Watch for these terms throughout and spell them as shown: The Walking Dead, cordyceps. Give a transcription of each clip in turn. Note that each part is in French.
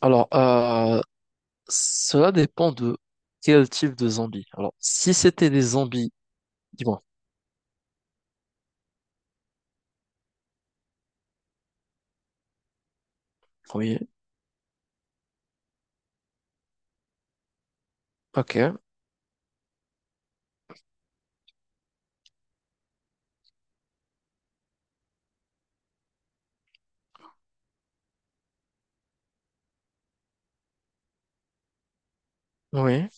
Alors, cela dépend de quel type de zombie. Alors, si c'était des zombies, dis-moi. Oui, ok, oui.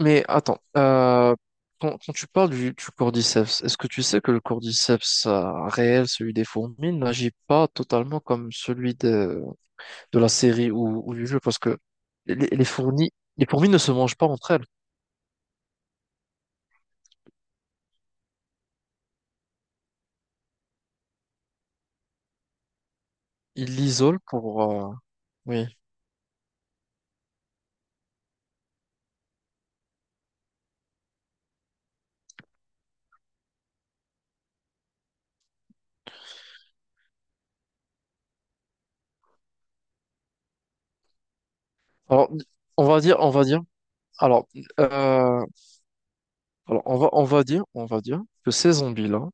Mais attends, quand tu parles du cordyceps, est-ce que tu sais que le cordyceps réel, celui des fourmis, n'agit pas totalement comme celui de la série ou du jeu? Parce que les, les fourmis, les fourmis ne se mangent pas entre elles. Ils l'isolent Oui. Alors, on va dire. Alors, euh, alors, on va dire que ces zombies-là,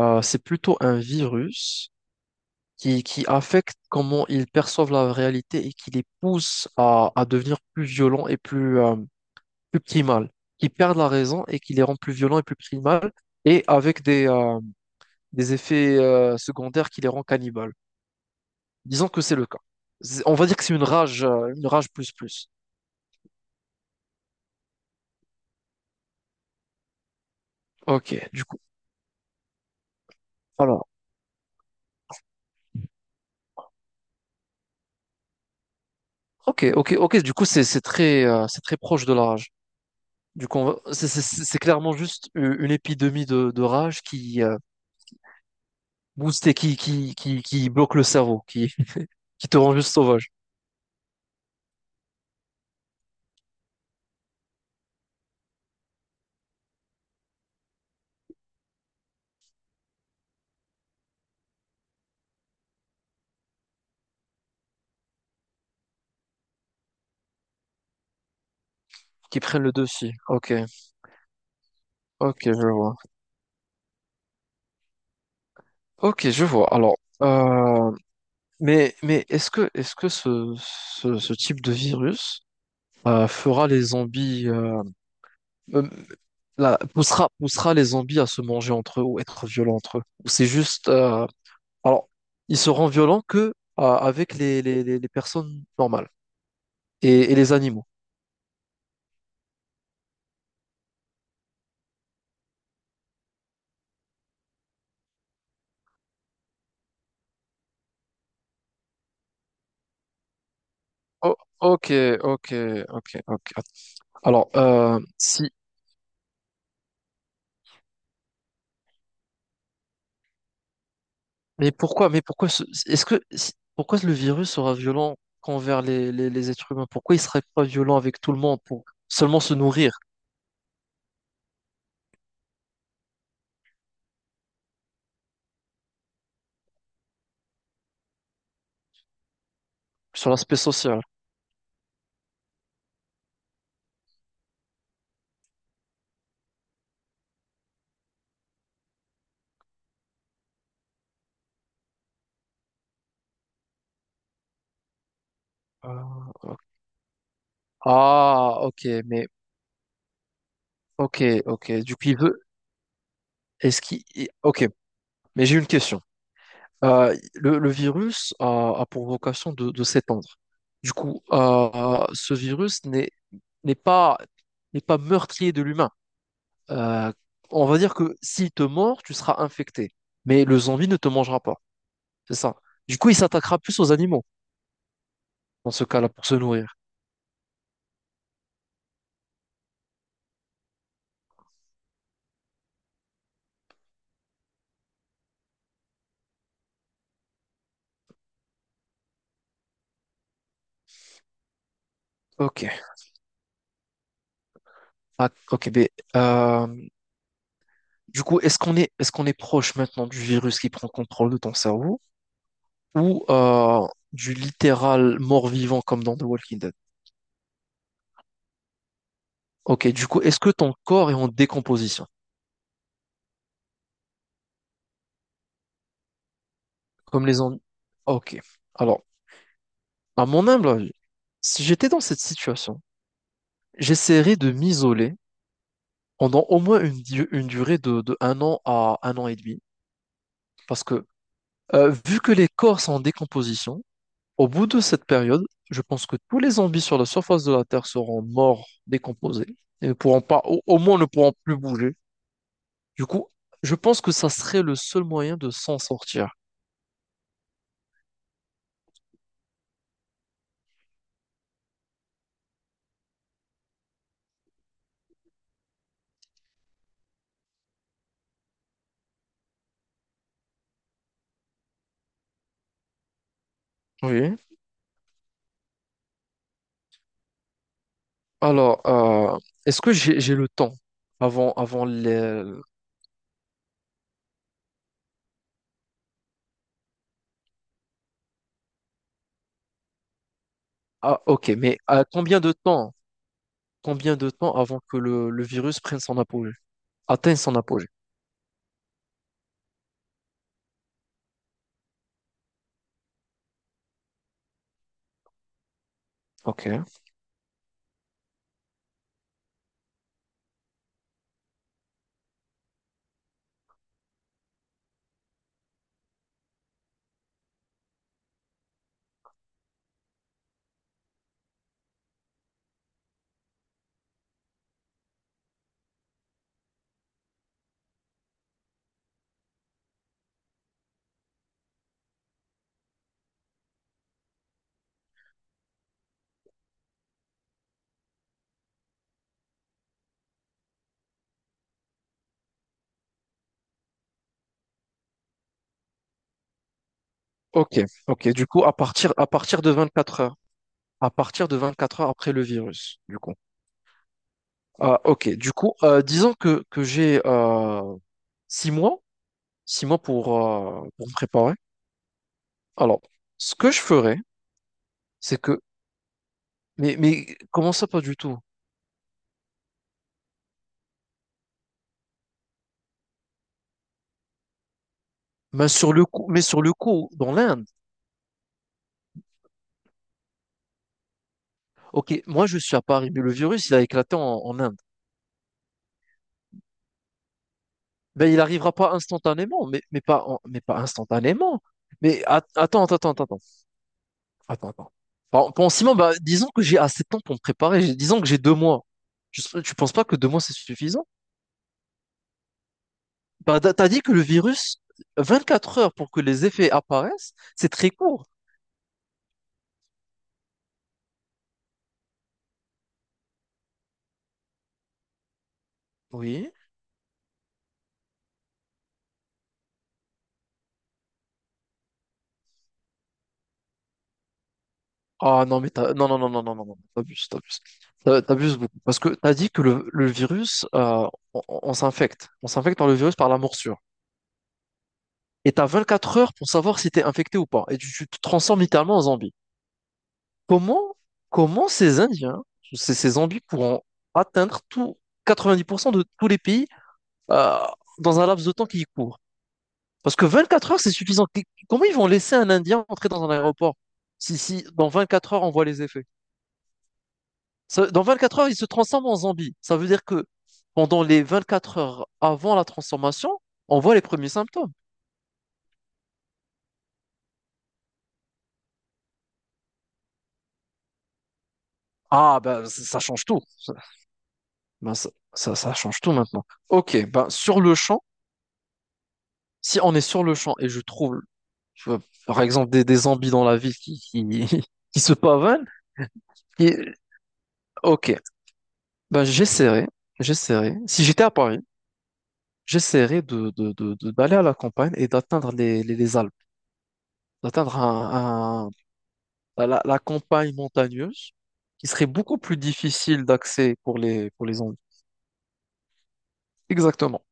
c'est plutôt un virus qui affecte comment ils perçoivent la réalité et qui les pousse à devenir plus violents et plus primals, qui perdent la raison et qui les rend plus violents et plus primals, et avec des effets secondaires qui les rend cannibales. Disons que c'est le cas. On va dire que c'est une rage plus plus. Ok, du coup. Alors, ok, ok, ok. Du coup, c'est très proche de la rage. Du coup, on va- c'est clairement juste une épidémie de rage qui booste et qui bloque le cerveau, qui te rend juste sauvage, qui prennent le dessus. Ok, ok, je vois. Ok, je vois. Alors, euh, mais est-ce que ce type de virus fera les zombies, euh, poussera les zombies à se manger entre eux ou être violents entre eux? Ou c'est juste, alors, ils seront violents que avec les personnes normales et les animaux. Ok, ok, ok, ok. Alors, si, mais pourquoi, ce- est-ce que, si- pourquoi le virus sera violent qu'envers les êtres humains? Pourquoi il serait pas violent avec tout le monde pour seulement se nourrir sur l'aspect social? Ah, ok. Ah, ok, mais ok, ok. Du coup, il veut, est-ce qu'il, ok. Mais j'ai une question. Le virus a pour vocation de s'étendre. Du coup, ce virus n'est pas n'est pas meurtrier de l'humain. Euh, on va dire que s'il te mord, tu seras infecté. Mais le zombie ne te mangera pas. C'est ça. Du coup, il s'attaquera plus aux animaux, dans ce cas-là, pour se nourrir. Ok. Ah, ok, mais, euh, du coup, est-ce qu'on est proche maintenant du virus qui prend contrôle de ton cerveau ou du littéral mort-vivant comme dans The Walking Dead? Ok, du coup, est-ce que ton corps est en décomposition, comme les zombies? Ok. Alors, à mon humble avis, si j'étais dans cette situation, j'essaierais de m'isoler pendant au moins une durée de un an à un an et demi. Parce que, vu que les corps sont en décomposition, au bout de cette période, je pense que tous les zombies sur la surface de la Terre seront morts, décomposés, et ne pourront pas, au moins ne pourront plus bouger. Du coup, je pense que ça serait le seul moyen de s'en sortir. Oui. Alors, est-ce que j'ai le temps avant les. Ah, ok, mais à combien de temps avant que le virus prenne son apogée, atteigne son apogée? Ok, ok, ok. Du coup, à partir de 24 heures, à partir de 24 heures après le virus, du coup. Ah, ok, du coup, disons que j'ai six mois, six mois pour me préparer. Alors, ce que je ferais, c'est que, mais comment ça, pas du tout? Mais sur le coup, mais sur le coup, dans l'Inde, ok, moi je suis à Paris, mais le virus, il a éclaté en, Inde. Ben, il n'arrivera pas instantanément, mais pas instantanément. Attends, attends, attends, attends. Attends, attends. Pour Simon, bah, disons que j'ai assez de temps pour me préparer. Disons que j'ai 2 mois. Tu penses pas que 2 mois, c'est suffisant? Bah, t'as dit que le virus, 24 heures pour que les effets apparaissent, c'est très court. Oui. Ah non, mais Non, non, non, non, non, non, non, t'abuses, t'abuses. T'abuses beaucoup. Parce que t'as dit que le virus, on s'infecte. On s'infecte par le virus, par la morsure. Et t'as 24 heures pour savoir si t'es infecté ou pas. Et tu te transformes littéralement en zombie. Comment, comment ces zombies pourront atteindre tout, 90% de tous les pays euh, dans un laps de temps qui court? Parce que 24 heures, c'est suffisant. Comment ils vont laisser un Indien entrer dans un aéroport si dans 24 heures, on voit les effets? Dans 24 heures, il se transforme en zombie. Ça veut dire que pendant les 24 heures avant la transformation, on voit les premiers symptômes. Ah, ben, ça change tout. Ben, ça change tout maintenant. Ok, ben, sur le champ, si on est sur le champ et je trouve euh, par exemple, des zombies dans la ville qui se pavanent. Et, ok, ben, j'essaierai. Si j'étais à Paris, j'essaierai d'aller à la campagne et d'atteindre les Alpes, d'atteindre ben, la campagne montagneuse qui serait beaucoup plus difficile d'accès pour les zombies. Exactement.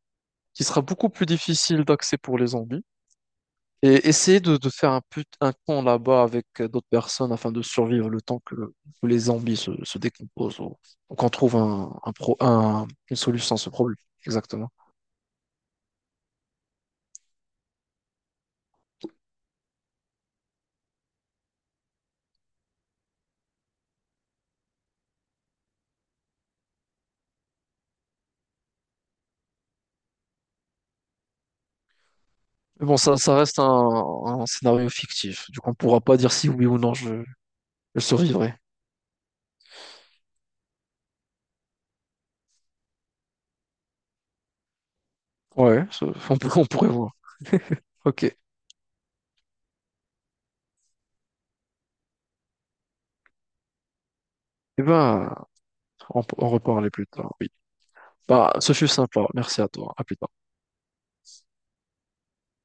Qui sera beaucoup plus difficile d'accès pour les zombies. Et essayer de faire un camp là-bas avec d'autres personnes afin de survivre le temps que les zombies se décomposent ou qu'on trouve une solution à ce problème. Exactement. Mais bon, ça reste un scénario fictif. Du coup, on pourra pas dire si oui ou non je survivrai. Ouais, on pourrait voir. Ok. Eh ben, on reparlera plus tard. Oui. Bah, ce fut sympa. Merci à toi. À plus tard.